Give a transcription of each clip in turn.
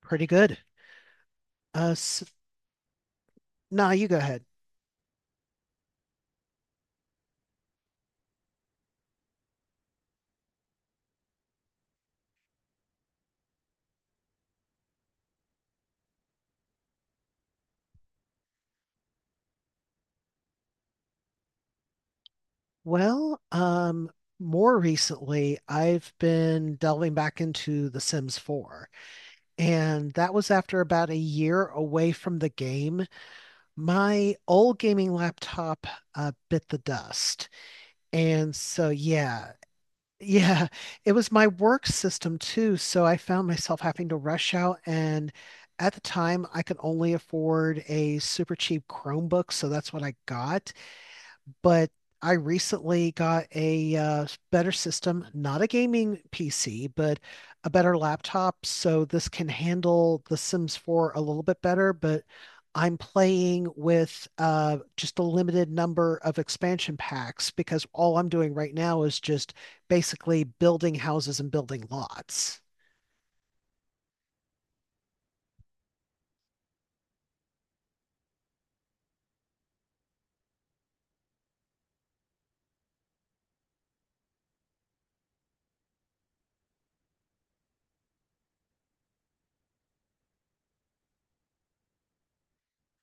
Pretty good. S nah, you go ahead. Well, um, More recently, I've been delving back into The Sims 4, and that was after about a year away from the game. My old gaming laptop bit the dust, and so yeah, yeah, it was my work system too. So I found myself having to rush out and. At the time, I could only afford a super cheap Chromebook, so that's what I got. But I recently got a better system, not a gaming PC, but a better laptop. So this can handle The Sims 4 a little bit better, but I'm playing with just a limited number of expansion packs because all I'm doing right now is just basically building houses and building lots.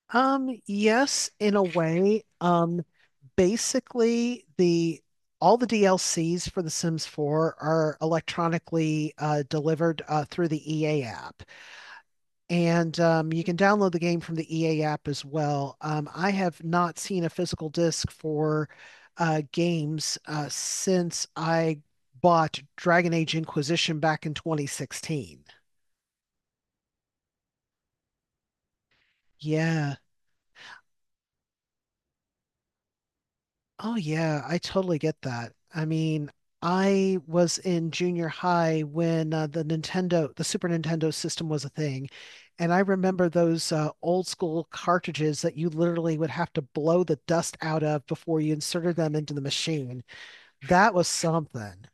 Yes, in a way. Basically the all the DLCs for The Sims 4 are electronically delivered through the EA app. And you can download the game from the EA app as well. I have not seen a physical disc for games since I bought Dragon Age Inquisition back in 2016. Yeah. Oh yeah, I totally get that. I mean, I was in junior high when the Super Nintendo system was a thing, and I remember those old school cartridges that you literally would have to blow the dust out of before you inserted them into the machine. That was something.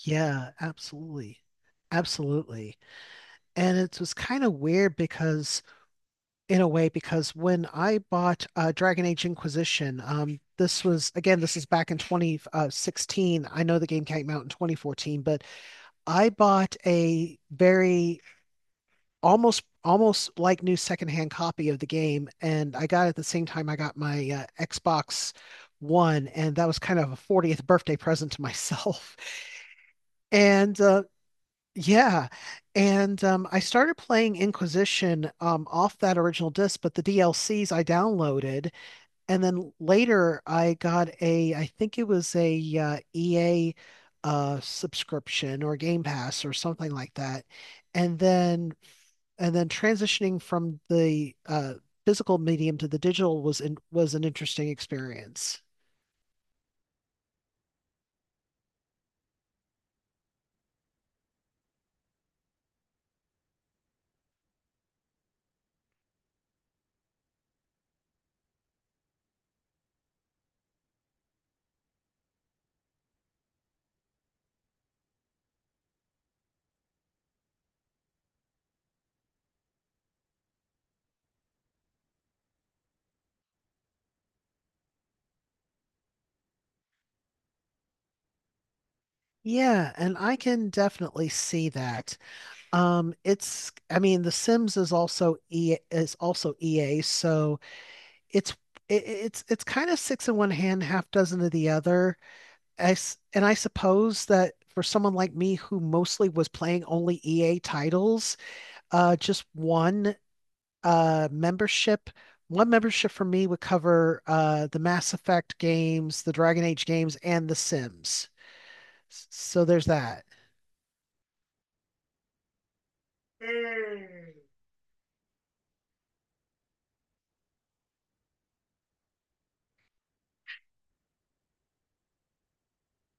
Yeah, absolutely. Absolutely. And it was kind of weird because in a way because when I bought Dragon Age Inquisition, this was again, this is back in 2016. I know the game came out in 2014, but I bought a very almost like new secondhand copy of the game, and I got it at the same time I got my Xbox One, and that was kind of a 40th birthday present to myself. And yeah, and I started playing Inquisition off that original disc, but the DLCs I downloaded and then later I got I think it was a EA subscription or Game Pass or something like that. And then and then transitioning from the physical medium to the digital was an interesting experience. Yeah, and I can definitely see that. It's I mean, The Sims is also EA, so it's it's kind of six in one hand, half dozen of the other. I s and I suppose that for someone like me who mostly was playing only EA titles, just uh membership, one membership for me would cover the Mass Effect games, the Dragon Age games, and The Sims. So there's that.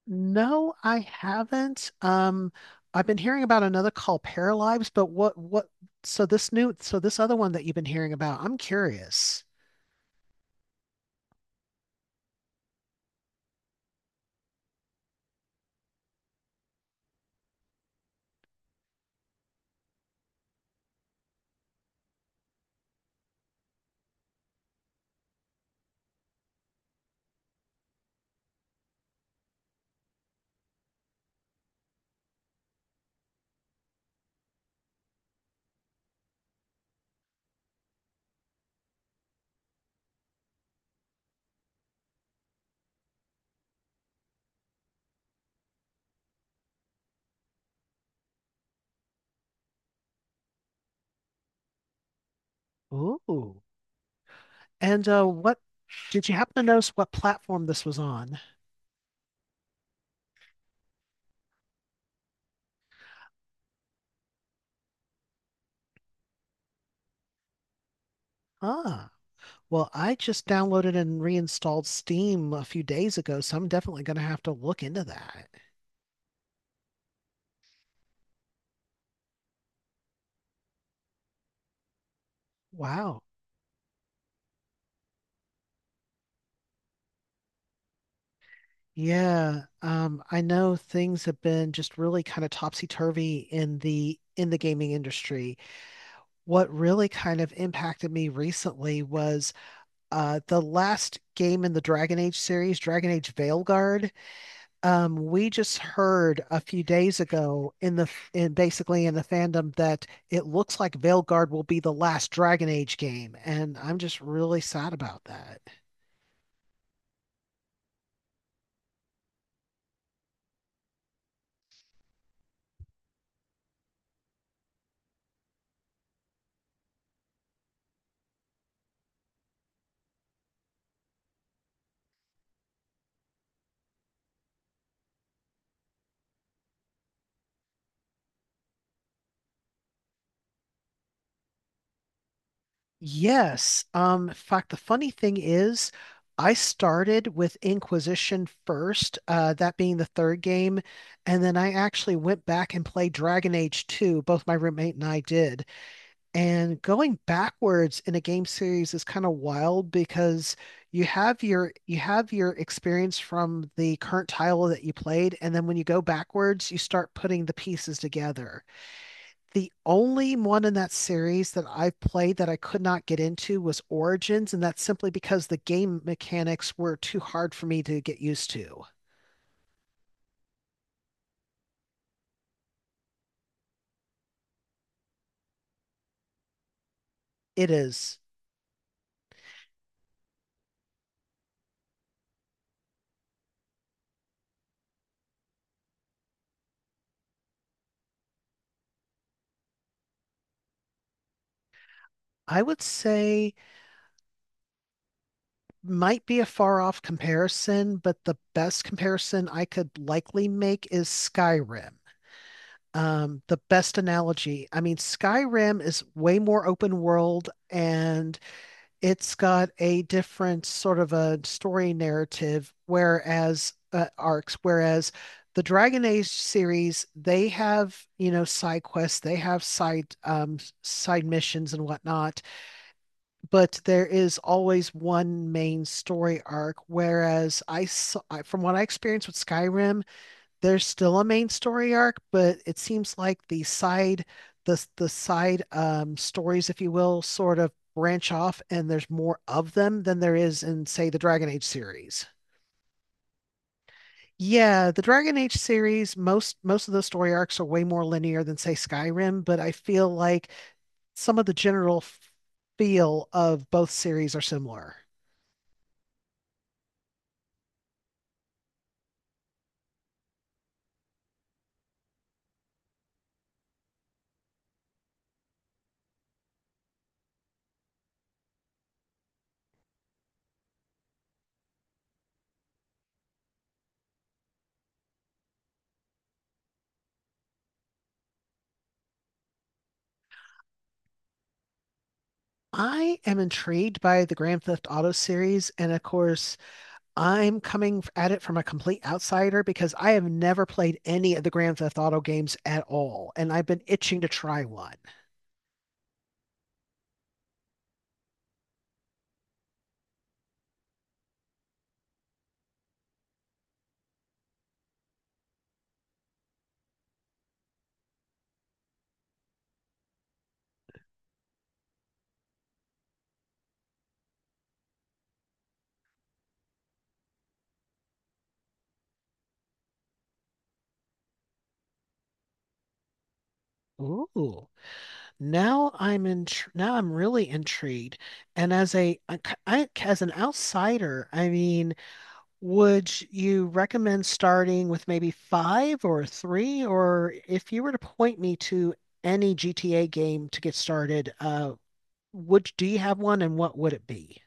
No, I haven't. I've been hearing about another called Paralives, but what, so this other one that you've been hearing about, I'm curious. Ooh. And uh, what did you happen to notice what platform this was on? Ah. Well, I just downloaded and reinstalled Steam a few days ago, so I'm definitely gonna have to look into that. Wow. Yeah, I know things have been just really kind of topsy-turvy in the gaming industry. What really kind of impacted me recently was the last game in the Dragon Age series, Dragon Age Veilguard. We just heard a few days ago in the in basically in the fandom that it looks like Veilguard will be the last Dragon Age game, and I'm just really sad about that. Yes. In fact, the funny thing is, I started with Inquisition first, that being the third game, and then I actually went back and played Dragon Age 2, both my roommate and I did. And going backwards in a game series is kind of wild because you have your experience from the current title that you played, and then when you go backwards, you start putting the pieces together. The only one in that series that I've played that I could not get into was Origins, and that's simply because the game mechanics were too hard for me to get used to. It is. I would say, might be a far off comparison, but the best comparison I could likely make is Skyrim. The best analogy. I mean, Skyrim is way more open world and it's got a different sort of a story narrative, whereas the Dragon Age series, they have, you know, side quests, they have side missions and whatnot, but there is always one main story arc. Whereas I from what I experienced with Skyrim, there's still a main story arc, but it seems like the side stories, if you will, sort of branch off and there's more of them than there is in, say, the Dragon Age series. Yeah, the Dragon Age series, most of the story arcs are way more linear than say Skyrim, but I feel like some of the general feel of both series are similar. I am intrigued by the Grand Theft Auto series, and of course, I'm coming at it from a complete outsider because I have never played any of the Grand Theft Auto games at all, and I've been itching to try one. Ooh, now I'm in, now I'm really intrigued. And as as an outsider, I mean, would you recommend starting with maybe five or three, or if you were to point me to any GTA game to get started, would do you have one, and what would it be?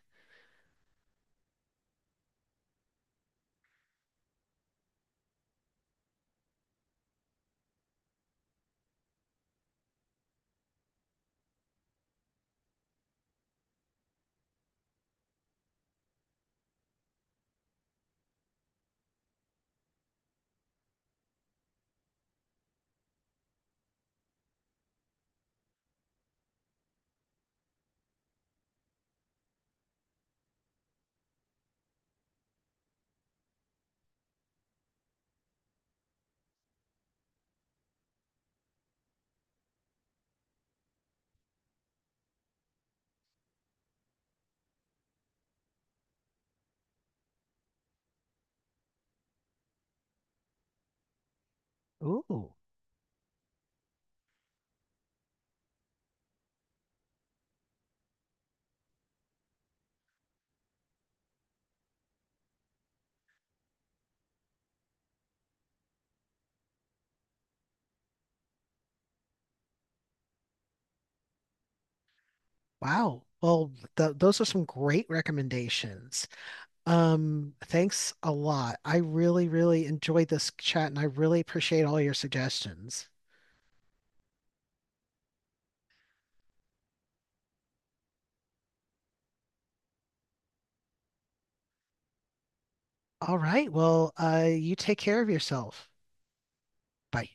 Ooh, wow. Well, th those are some great recommendations. Thanks a lot. I really, really enjoyed this chat and I really appreciate all your suggestions. All right. Well, you take care of yourself. Bye.